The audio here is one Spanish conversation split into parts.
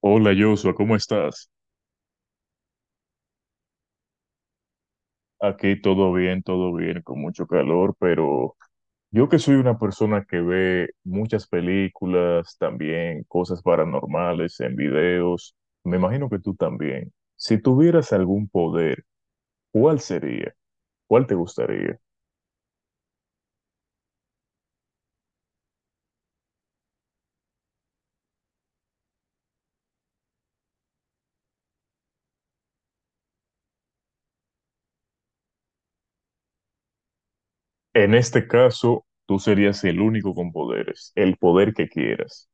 Hola Joshua, ¿cómo estás? Aquí todo bien, con mucho calor, pero yo que soy una persona que ve muchas películas, también cosas paranormales en videos, me imagino que tú también. Si tuvieras algún poder, ¿cuál sería? ¿Cuál te gustaría? En este caso, tú serías el único con poderes, el poder que quieras.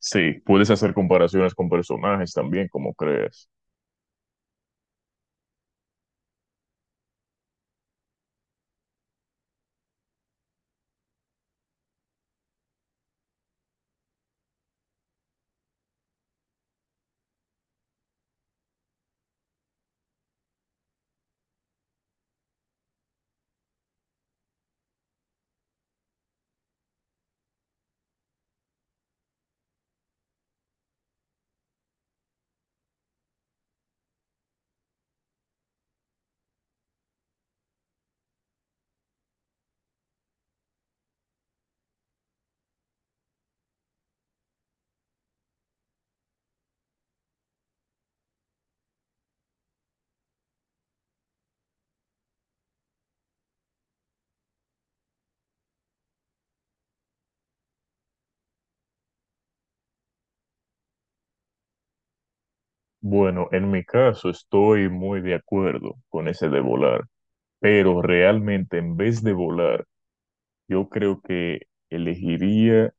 Sí, puedes hacer comparaciones con personajes también, como creas. Bueno, en mi caso estoy muy de acuerdo con ese de volar, pero realmente en vez de volar, yo creo que elegiría,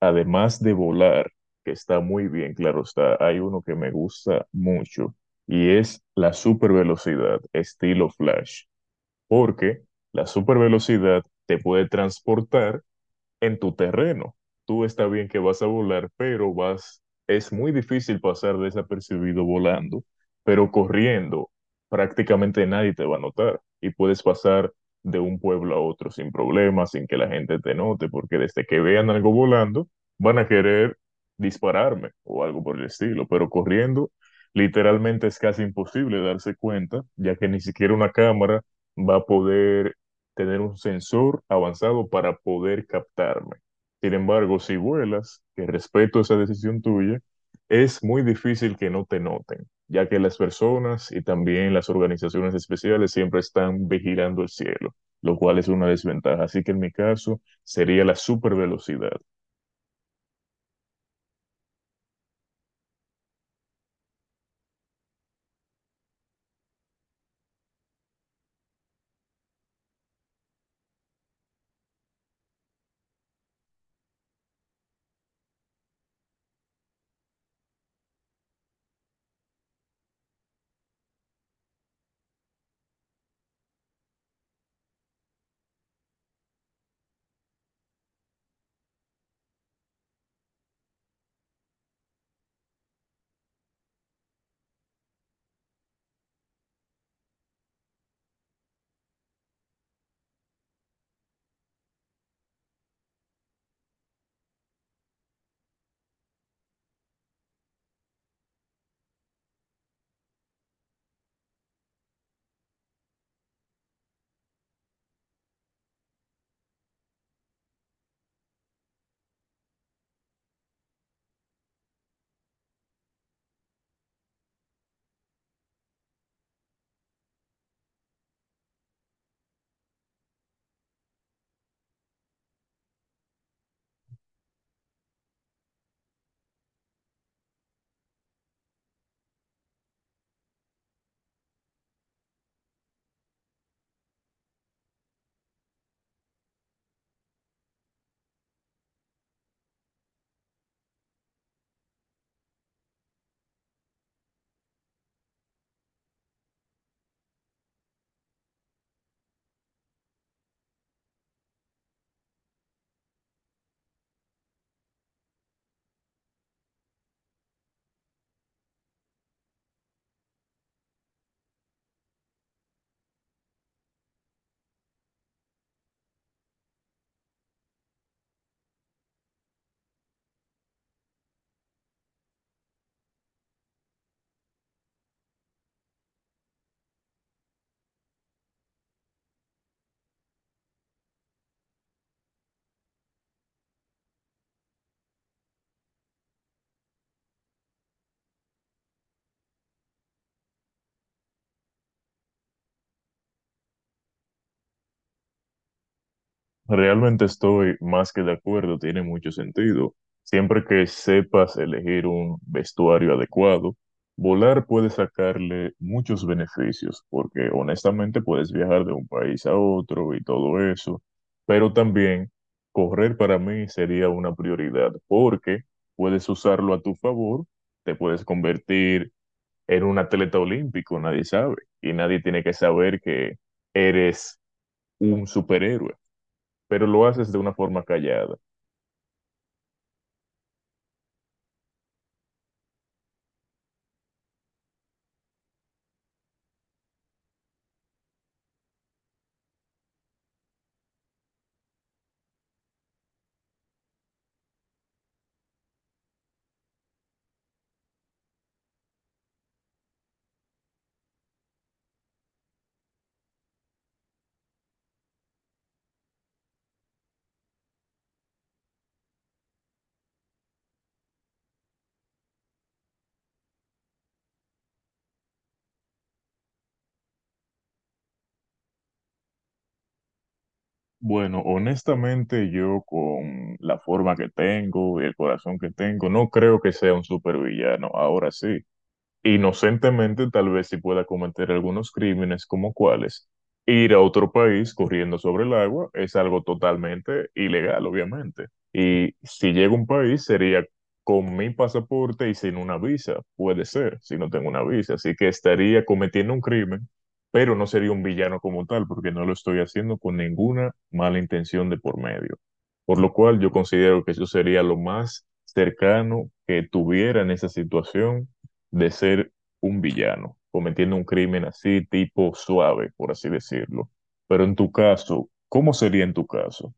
además de volar, que está muy bien, claro está, hay uno que me gusta mucho y es la supervelocidad, estilo Flash, porque la supervelocidad te puede transportar en tu terreno. Tú está bien que vas a volar, pero vas, es muy difícil pasar desapercibido volando, pero corriendo prácticamente nadie te va a notar y puedes pasar de un pueblo a otro sin problemas, sin que la gente te note, porque desde que vean algo volando, van a querer dispararme o algo por el estilo, pero corriendo literalmente es casi imposible darse cuenta, ya que ni siquiera una cámara va a poder tener un sensor avanzado para poder captarme. Sin embargo, si vuelas, que respeto esa decisión tuya, es muy difícil que no te noten, ya que las personas y también las organizaciones especiales siempre están vigilando el cielo, lo cual es una desventaja. Así que en mi caso sería la supervelocidad. Realmente estoy más que de acuerdo, tiene mucho sentido. Siempre que sepas elegir un vestuario adecuado, volar puede sacarle muchos beneficios, porque honestamente puedes viajar de un país a otro y todo eso, pero también correr para mí sería una prioridad, porque puedes usarlo a tu favor, te puedes convertir en un atleta olímpico, nadie sabe, y nadie tiene que saber que eres un superhéroe pero lo haces de una forma callada. Bueno, honestamente yo con la forma que tengo y el corazón que tengo, no creo que sea un supervillano. Ahora sí, inocentemente, tal vez si pueda cometer algunos crímenes como cuáles. Ir a otro país corriendo sobre el agua es algo totalmente ilegal, obviamente. Y si llega a un país, sería con mi pasaporte y sin una visa. Puede ser, si no tengo una visa. Así que estaría cometiendo un crimen, pero no sería un villano como tal, porque no lo estoy haciendo con ninguna mala intención de por medio. Por lo cual, yo considero que eso sería lo más cercano que tuviera en esa situación de ser un villano, cometiendo un crimen así tipo suave, por así decirlo. Pero en tu caso, ¿cómo sería en tu caso?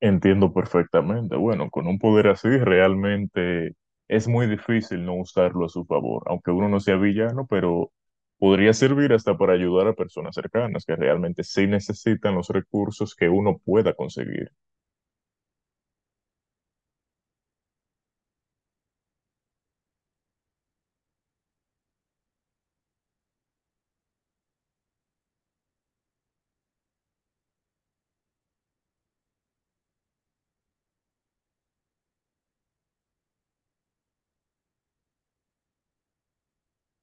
Entiendo perfectamente. Bueno, con un poder así realmente es muy difícil no usarlo a su favor, aunque uno no sea villano, pero podría servir hasta para ayudar a personas cercanas que realmente sí necesitan los recursos que uno pueda conseguir.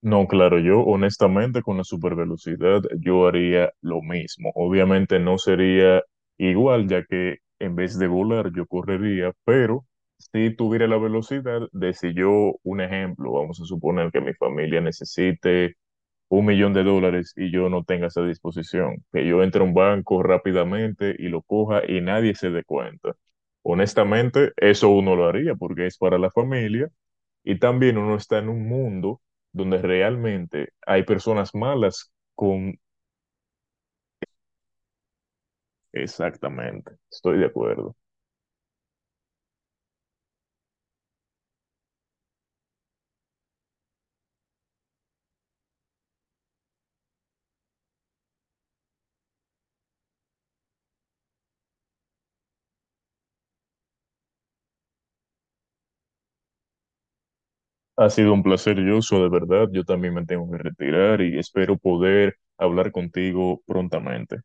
No, claro, yo honestamente con la supervelocidad yo haría lo mismo. Obviamente no sería igual, ya que en vez de volar yo correría, pero si tuviera la velocidad de si yo, un ejemplo, vamos a suponer que mi familia necesite $1,000,000 y yo no tenga esa disposición, que yo entre a un banco rápidamente y lo coja y nadie se dé cuenta. Honestamente, eso uno lo haría porque es para la familia y también uno está en un mundo donde realmente hay personas malas con... Exactamente, estoy de acuerdo. Ha sido un placer, Joshua, de verdad. Yo también me tengo que retirar y espero poder hablar contigo prontamente.